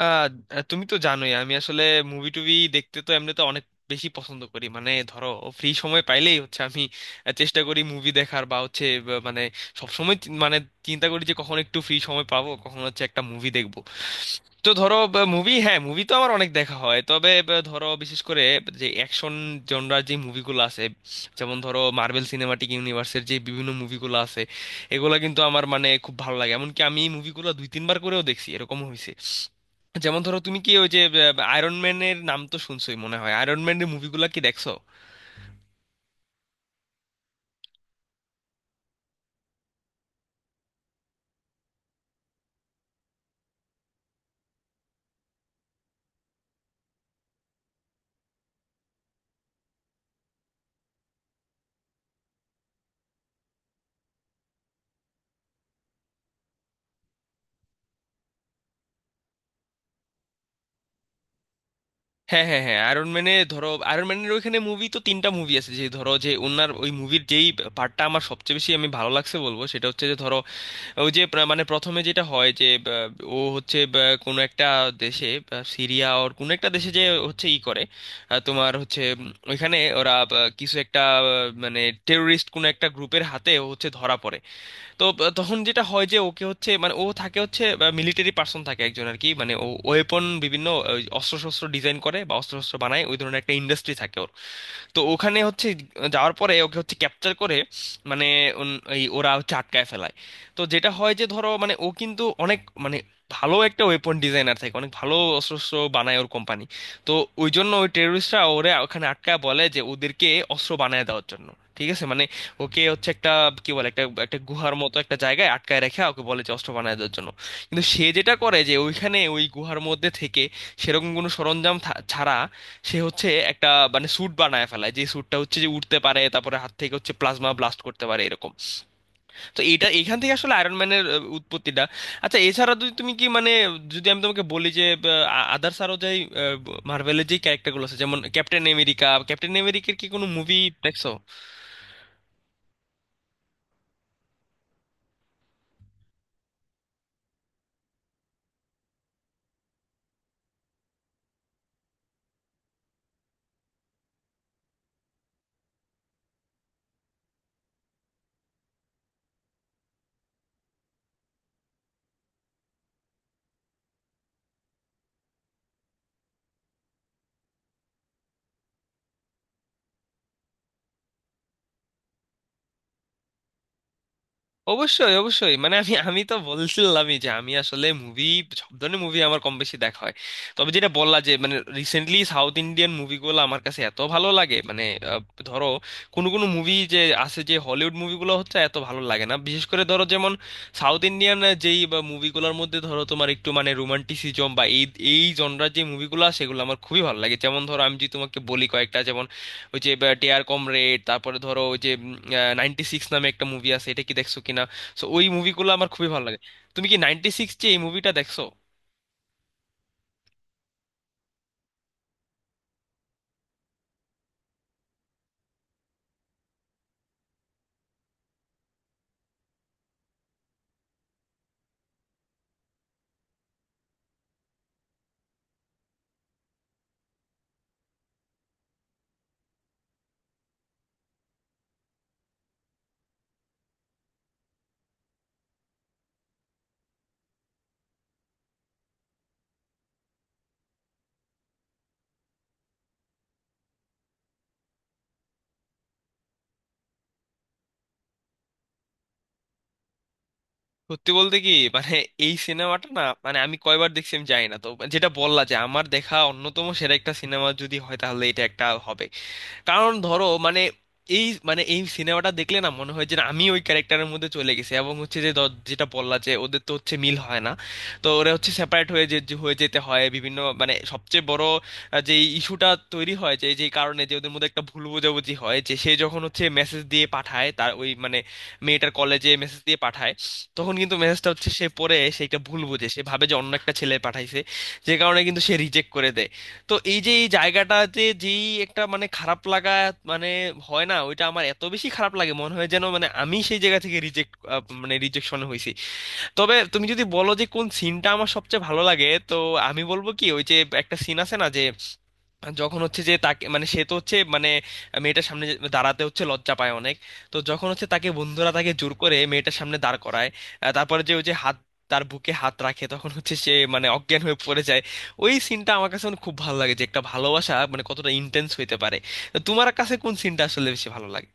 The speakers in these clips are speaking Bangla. আহ তুমি তো জানোই আমি আসলে মুভি টুভি দেখতে তো এমনিতে অনেক বেশি পছন্দ করি, মানে ধরো, ফ্রি সময় পাইলেই হচ্ছে আমি চেষ্টা করি মুভি দেখার, বা হচ্ছে মানে সবসময় মানে চিন্তা করি যে কখন একটু ফ্রি সময় পাবো, কখন হচ্ছে একটা মুভি দেখবো। তো ধরো, মুভি, হ্যাঁ, মুভি তো আমার অনেক দেখা হয়, তবে ধরো বিশেষ করে যে অ্যাকশন জনরার যে মুভিগুলো আছে, যেমন ধরো মার্বেল সিনেমাটিক ইউনিভার্সের যে বিভিন্ন মুভিগুলো আছে, এগুলো কিন্তু আমার, মানে, খুব ভালো লাগে। এমনকি আমি এই মুভিগুলো দুই তিনবার করেও দেখছি, এরকম হয়েছে। যেমন ধরো, তুমি কি ওই যে আয়রন ম্যানের নাম তো শুনছোই মনে হয়? আয়রন ম্যানের মুভিগুলো কি দেখছো? হ্যাঁ, হ্যাঁ, হ্যাঁ, আয়রন ম্যানে ধরো, আয়রন ম্যানের ওইখানে মুভি তো তিনটা মুভি আছে, যে ধরো যে ওনার ওই মুভির যেই পার্টটা আমার সবচেয়ে বেশি আমি ভালো লাগছে বলবো, সেটা হচ্ছে যে ধরো ওই যে মানে প্রথমে যেটা হয় যে ও হচ্ছে কোনো একটা দেশে সিরিয়া ওর কোনো একটা দেশে যে হচ্ছে ই করে, তোমার হচ্ছে ওইখানে ওরা কিছু একটা, মানে টেরোরিস্ট কোনো একটা গ্রুপের হাতে ও হচ্ছে ধরা পড়ে। তো তখন যেটা হয় যে ওকে হচ্ছে, মানে ও থাকে হচ্ছে মিলিটারি পার্সন থাকে একজন আর কি, মানে ও ওয়েপন, বিভিন্ন অস্ত্র শস্ত্র ডিজাইন করে বা অস্ত্র শস্ত্র বানায়, ওই ধরনের একটা ইন্ডাস্ট্রি থাকে ওদের। তো ওখানে হচ্ছে যাওয়ার পরে ওকে হচ্ছে ক্যাপচার করে, মানে এই ওরা হচ্ছে আটকায় ফেলায়। তো যেটা হয় যে ধরো, মানে ও কিন্তু অনেক, মানে, ভালো একটা ওয়েপন ডিজাইনার থাকে, অনেক ভালো অস্ত্র শস্ত্র বানায় ওর কোম্পানি। তো ওই জন্য ওই টেররিস্টরা ওরে ওখানে আটকায়, বলে যে ওদেরকে অস্ত্র বানায় দেওয়ার জন্য। ঠিক আছে, মানে ওকে হচ্ছে একটা, কি বলে, একটা একটা গুহার মতো একটা জায়গায় আটকায় রেখে ওকে বলে যে অস্ত্র বানায় দেওয়ার জন্য। কিন্তু সে যেটা করে যে ওইখানে ওই গুহার মধ্যে থেকে সেরকম কোনো সরঞ্জাম ছাড়া সে হচ্ছে একটা, মানে, স্যুট বানায় ফেলায়, যে স্যুটটা হচ্ছে যে উঠতে পারে, তারপরে হাত থেকে হচ্ছে প্লাজমা ব্লাস্ট করতে পারে এরকম। তো এটা এখান থেকে আসলে আয়রন ম্যানের উৎপত্তিটা। আচ্ছা, এছাড়া যদি তুমি কি, মানে, যদি আমি তোমাকে বলি যে আদার্স, আরো যাই মার্ভেলের যে ক্যারেক্টারগুলো আছে, যেমন ক্যাপ্টেন আমেরিকা, ক্যাপ্টেন আমেরিকার কি কোনো মুভি দেখছো? অবশ্যই, অবশ্যই, মানে আমি আমি তো বলছিলামই যে আমি আসলে মুভি, সব ধরনের মুভি আমার কম বেশি দেখা হয়। তবে যেটা বললা যে, মানে, রিসেন্টলি সাউথ ইন্ডিয়ান মুভিগুলো আমার কাছে এত ভালো লাগে, মানে আহ, ধরো, কোনো কোনো মুভি যে আছে যে হলিউড মুভিগুলো হচ্ছে এত ভালো লাগে না, বিশেষ করে ধরো, যেমন সাউথ ইন্ডিয়ান যেই মুভিগুলোর মধ্যে ধরো তোমার একটু, মানে, রোমান্টিসিজম বা এই এই জনরার যে মুভিগুলো, সেগুলো আমার খুবই ভালো লাগে। যেমন ধরো, আমি যদি তোমাকে বলি কয়েকটা, যেমন ওই যে "ডেয়ার কমরেড", তারপরে ধরো ওই যে "96" নামে একটা মুভি আছে, এটা কি দেখছো কিনা? সো ওই মুভিগুলো আমার খুবই ভালো লাগে। তুমি কি "96" যে এই মুভিটা দেখছো? সত্যি বলতে কি, মানে এই সিনেমাটা, না মানে, আমি কয়বার দেখছি আমি জানি না তো, যেটা বললা যে, আমার দেখা অন্যতম সেরা একটা সিনেমা যদি হয় তাহলে এটা একটা হবে। কারণ ধরো, মানে এই, মানে এই সিনেমাটা দেখলে না মনে হয় যে না, আমি ওই ক্যারেক্টারের মধ্যে চলে গেছি, এবং হচ্ছে যে, যেটা বললা যে ওদের তো হচ্ছে মিল হয় না। তো ওরা হচ্ছে সেপারেট হয়ে যে যে হয়ে যেতে হয়, বিভিন্ন, মানে সবচেয়ে বড় যে ইস্যুটা তৈরি হয় যে, যে কারণে যে ওদের মধ্যে একটা ভুল বোঝাবুঝি হয়, যে সে যখন হচ্ছে মেসেজ দিয়ে পাঠায় তার ওই, মানে, মেয়েটার কলেজে মেসেজ দিয়ে পাঠায়। তখন কিন্তু মেসেজটা হচ্ছে সে পড়ে, সে একটা ভুল বোঝে, সে ভাবে যে অন্য একটা ছেলে পাঠাইছে, যে কারণে কিন্তু সে রিজেক্ট করে দেয়। তো এই যে এই জায়গাটাতে যেই একটা, মানে, খারাপ লাগা, মানে হয় না, ওইটা আমার এত বেশি খারাপ লাগে, মনে হয় যেন, মানে, আমি সেই জায়গা থেকে রিজেক্ট, মানে রিজেকশন হয়েছি। তবে তুমি যদি বলো যে কোন সিনটা আমার সবচেয়ে ভালো লাগে, তো আমি বলবো কি, ওই যে একটা সিন আছে না, যে যখন হচ্ছে যে তাকে, মানে সে তো হচ্ছে, মানে মেয়েটার সামনে দাঁড়াতে হচ্ছে, লজ্জা পায় অনেক। তো যখন হচ্ছে, তাকে বন্ধুরা তাকে জোর করে মেয়েটার সামনে দাঁড় করায়, তারপরে যে ওই যে হাত, তার বুকে হাত রাখে, তখন হচ্ছে সে, মানে, অজ্ঞান হয়ে পড়ে যায়। ওই সিনটা আমার কাছে, মানে, খুব ভালো লাগে, যে একটা ভালোবাসা, মানে, কতটা ইন্টেন্স হইতে পারে। তো তোমার কাছে কোন সিনটা আসলে বেশি ভালো লাগে?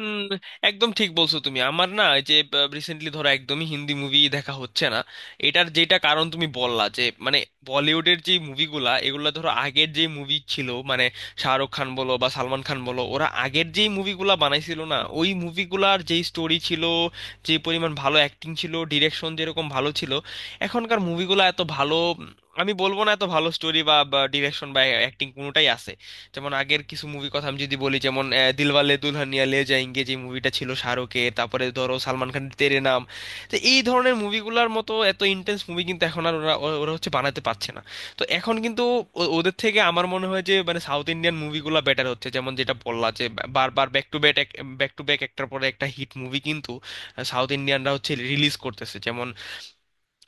হুম। একদম ঠিক বলছো তুমি। আমার না এই যে রিসেন্টলি ধরো, একদমই হিন্দি মুভি দেখা হচ্ছে না। এটার যেটা কারণ তুমি বললা যে, মানে বলিউডের যে মুভিগুলা, এগুলা ধরো আগের যে মুভি ছিল, মানে, শাহরুখ খান বলো বা সালমান খান বলো, ওরা আগের যেই মুভিগুলা বানাইছিল না, ওই মুভিগুলার যেই স্টোরি ছিল, যে পরিমাণ ভালো অ্যাক্টিং ছিল, ডিরেকশন যেরকম ভালো ছিল, এখনকার মুভিগুলা এত ভালো, আমি বলবো না এত ভালো স্টোরি বা ডিরেকশন বা অ্যাক্টিং কোনোটাই আছে। যেমন আগের কিছু মুভি কথা আমি যদি বলি, যেমন "দিলওয়ালে দুলহানিয়া লে যায়েঙ্গে" যে মুভিটা ছিল শাহরুখের, তারপরে ধরো সালমান খানের "তেরে নাম"। তো এই ধরনের মুভিগুলোর মতো এত ইন্টেন্স মুভি কিন্তু এখন আর ওরা, ওরা হচ্ছে বানাতে পারছে না। তো এখন কিন্তু ওদের থেকে আমার মনে হয় যে, মানে সাউথ ইন্ডিয়ান মুভিগুলো বেটার হচ্ছে, যেমন যেটা বললা যে বারবার back to back, back to back একটার পরে একটা হিট মুভি কিন্তু সাউথ ইন্ডিয়ানরা হচ্ছে রিলিজ করতেছে, যেমন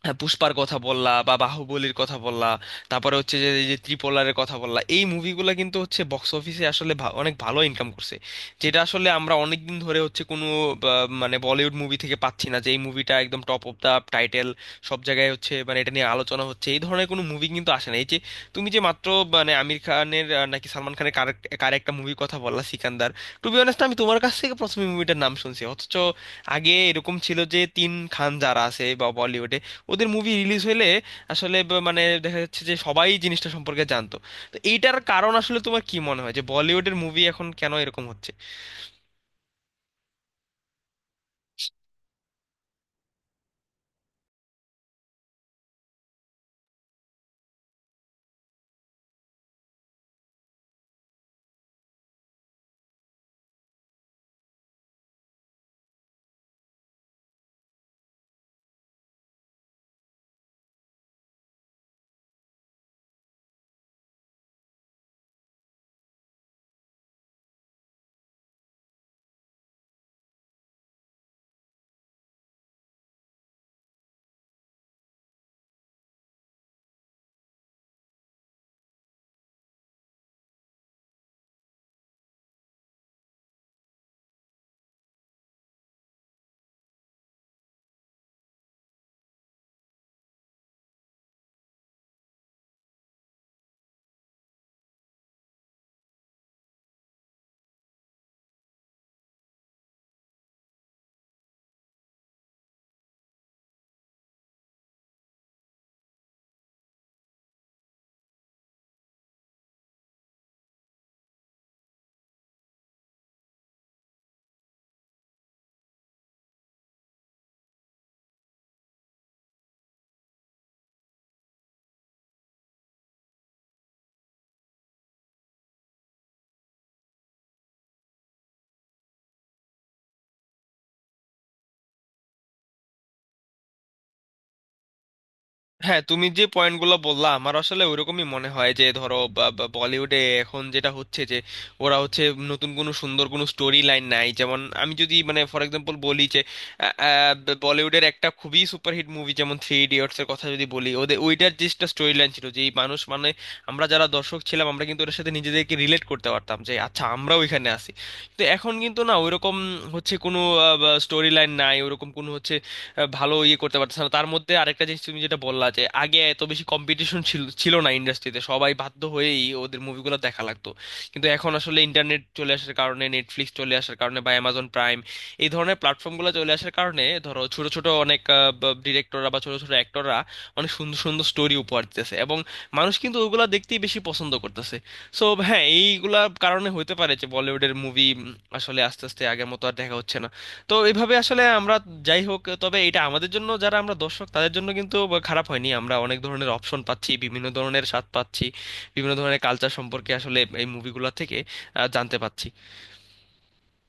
হ্যাঁ, পুষ্পার কথা বললা বা বাহুবলীর কথা বললা। তারপরে হচ্ছে যে এই যে ত্রিপোলারের কথা বললা, এই মুভিগুলো কিন্তু হচ্ছে বক্স অফিসে আসলে অনেক ভালো ইনকাম করছে, যেটা আসলে আমরা অনেক দিন ধরে হচ্ছে কোনো, বা, মানে বলিউড মুভি থেকে পাচ্ছি না, যে এই মুভিটা একদম টপ অফ দা টাইটেল, সব জায়গায় হচ্ছে, মানে এটা নিয়ে আলোচনা হচ্ছে। এই ধরনের কোনো মুভি কিন্তু আসে না। এই যে তুমি যে মাত্র, মানে, আমির খানের, নাকি সালমান খানের, কার কার একটা মুভির কথা বললা, সিকান্দার। টু বি অনেস্ট, আমি তোমার কাছ থেকে প্রথমে মুভিটার নাম শুনছি, অথচ আগে এরকম ছিল যে তিন খান যারা আছে বা বলিউডে, ওদের মুভি রিলিজ হলে আসলে মানে দেখা যাচ্ছে যে সবাই জিনিসটা সম্পর্কে জানতো। তো এইটার কারণ আসলে তোমার কি মনে হয় যে বলিউডের মুভি এখন কেন এরকম হচ্ছে? হ্যাঁ, তুমি যে পয়েন্টগুলো বললা আমার আসলে ওইরকমই মনে হয় যে ধরো, বা- বা বলিউডে এখন যেটা হচ্ছে যে ওরা হচ্ছে, নতুন কোনো সুন্দর কোনো স্টোরি লাইন নাই, যেমন আমি যদি, মানে, ফর এক্সাম্পল বলি যে, আহ, আহ, বলিউডের একটা খুবই সুপারহিট মুভি যেমন "থ্রি ইডিয়টস" এর কথা যদি বলি, ওদের ওইটার যেটা স্টোরি লাইন ছিল যে, এই মানুষ, মানে আমরা যারা দর্শক ছিলাম, আমরা কিন্তু ওটার সাথে নিজেদেরকে রিলেট করতে পারতাম, যে আচ্ছা আমরাও এখানে আছি। তো এখন কিন্তু না ওইরকম হচ্ছে, কোনো স্টোরি লাইন নাই, ওরকম কোনো হচ্ছে, ভালো ইয়ে করতে পারতেছে না। তার মধ্যে আরেকটা জিনিস তুমি যেটা বললা যে, আগে এত বেশি কম্পিটিশন ছিল, ছিল না ইন্ডাস্ট্রিতে, সবাই বাধ্য হয়েই ওদের মুভিগুলো দেখা লাগতো। কিন্তু এখন আসলে ইন্টারনেট চলে আসার কারণে, নেটফ্লিক্স চলে আসার কারণে বা অ্যামাজন প্রাইম এই ধরনের প্ল্যাটফর্মগুলো চলে আসার কারণে ধরো, ছোট ছোট অনেক ডিরেক্টররা বা ছোট ছোট অ্যাক্টররা অনেক সুন্দর সুন্দর স্টোরি উপহার দিতেছে, এবং মানুষ কিন্তু ওগুলা দেখতেই বেশি পছন্দ করতেছে। সো হ্যাঁ, এইগুলা কারণে হইতে পারে যে বলিউডের মুভি আসলে আস্তে আস্তে আগের মতো আর দেখা হচ্ছে না। তো এইভাবে আসলে আমরা, যাই হোক, তবে এটা আমাদের জন্য, যারা আমরা দর্শক তাদের জন্য কিন্তু খারাপ হয়নি। আমরা অনেক ধরনের অপশন পাচ্ছি, বিভিন্ন ধরনের স্বাদ পাচ্ছি, বিভিন্ন ধরনের কালচার সম্পর্কে আসলে এই মুভিগুলো থেকে জানতে পাচ্ছি।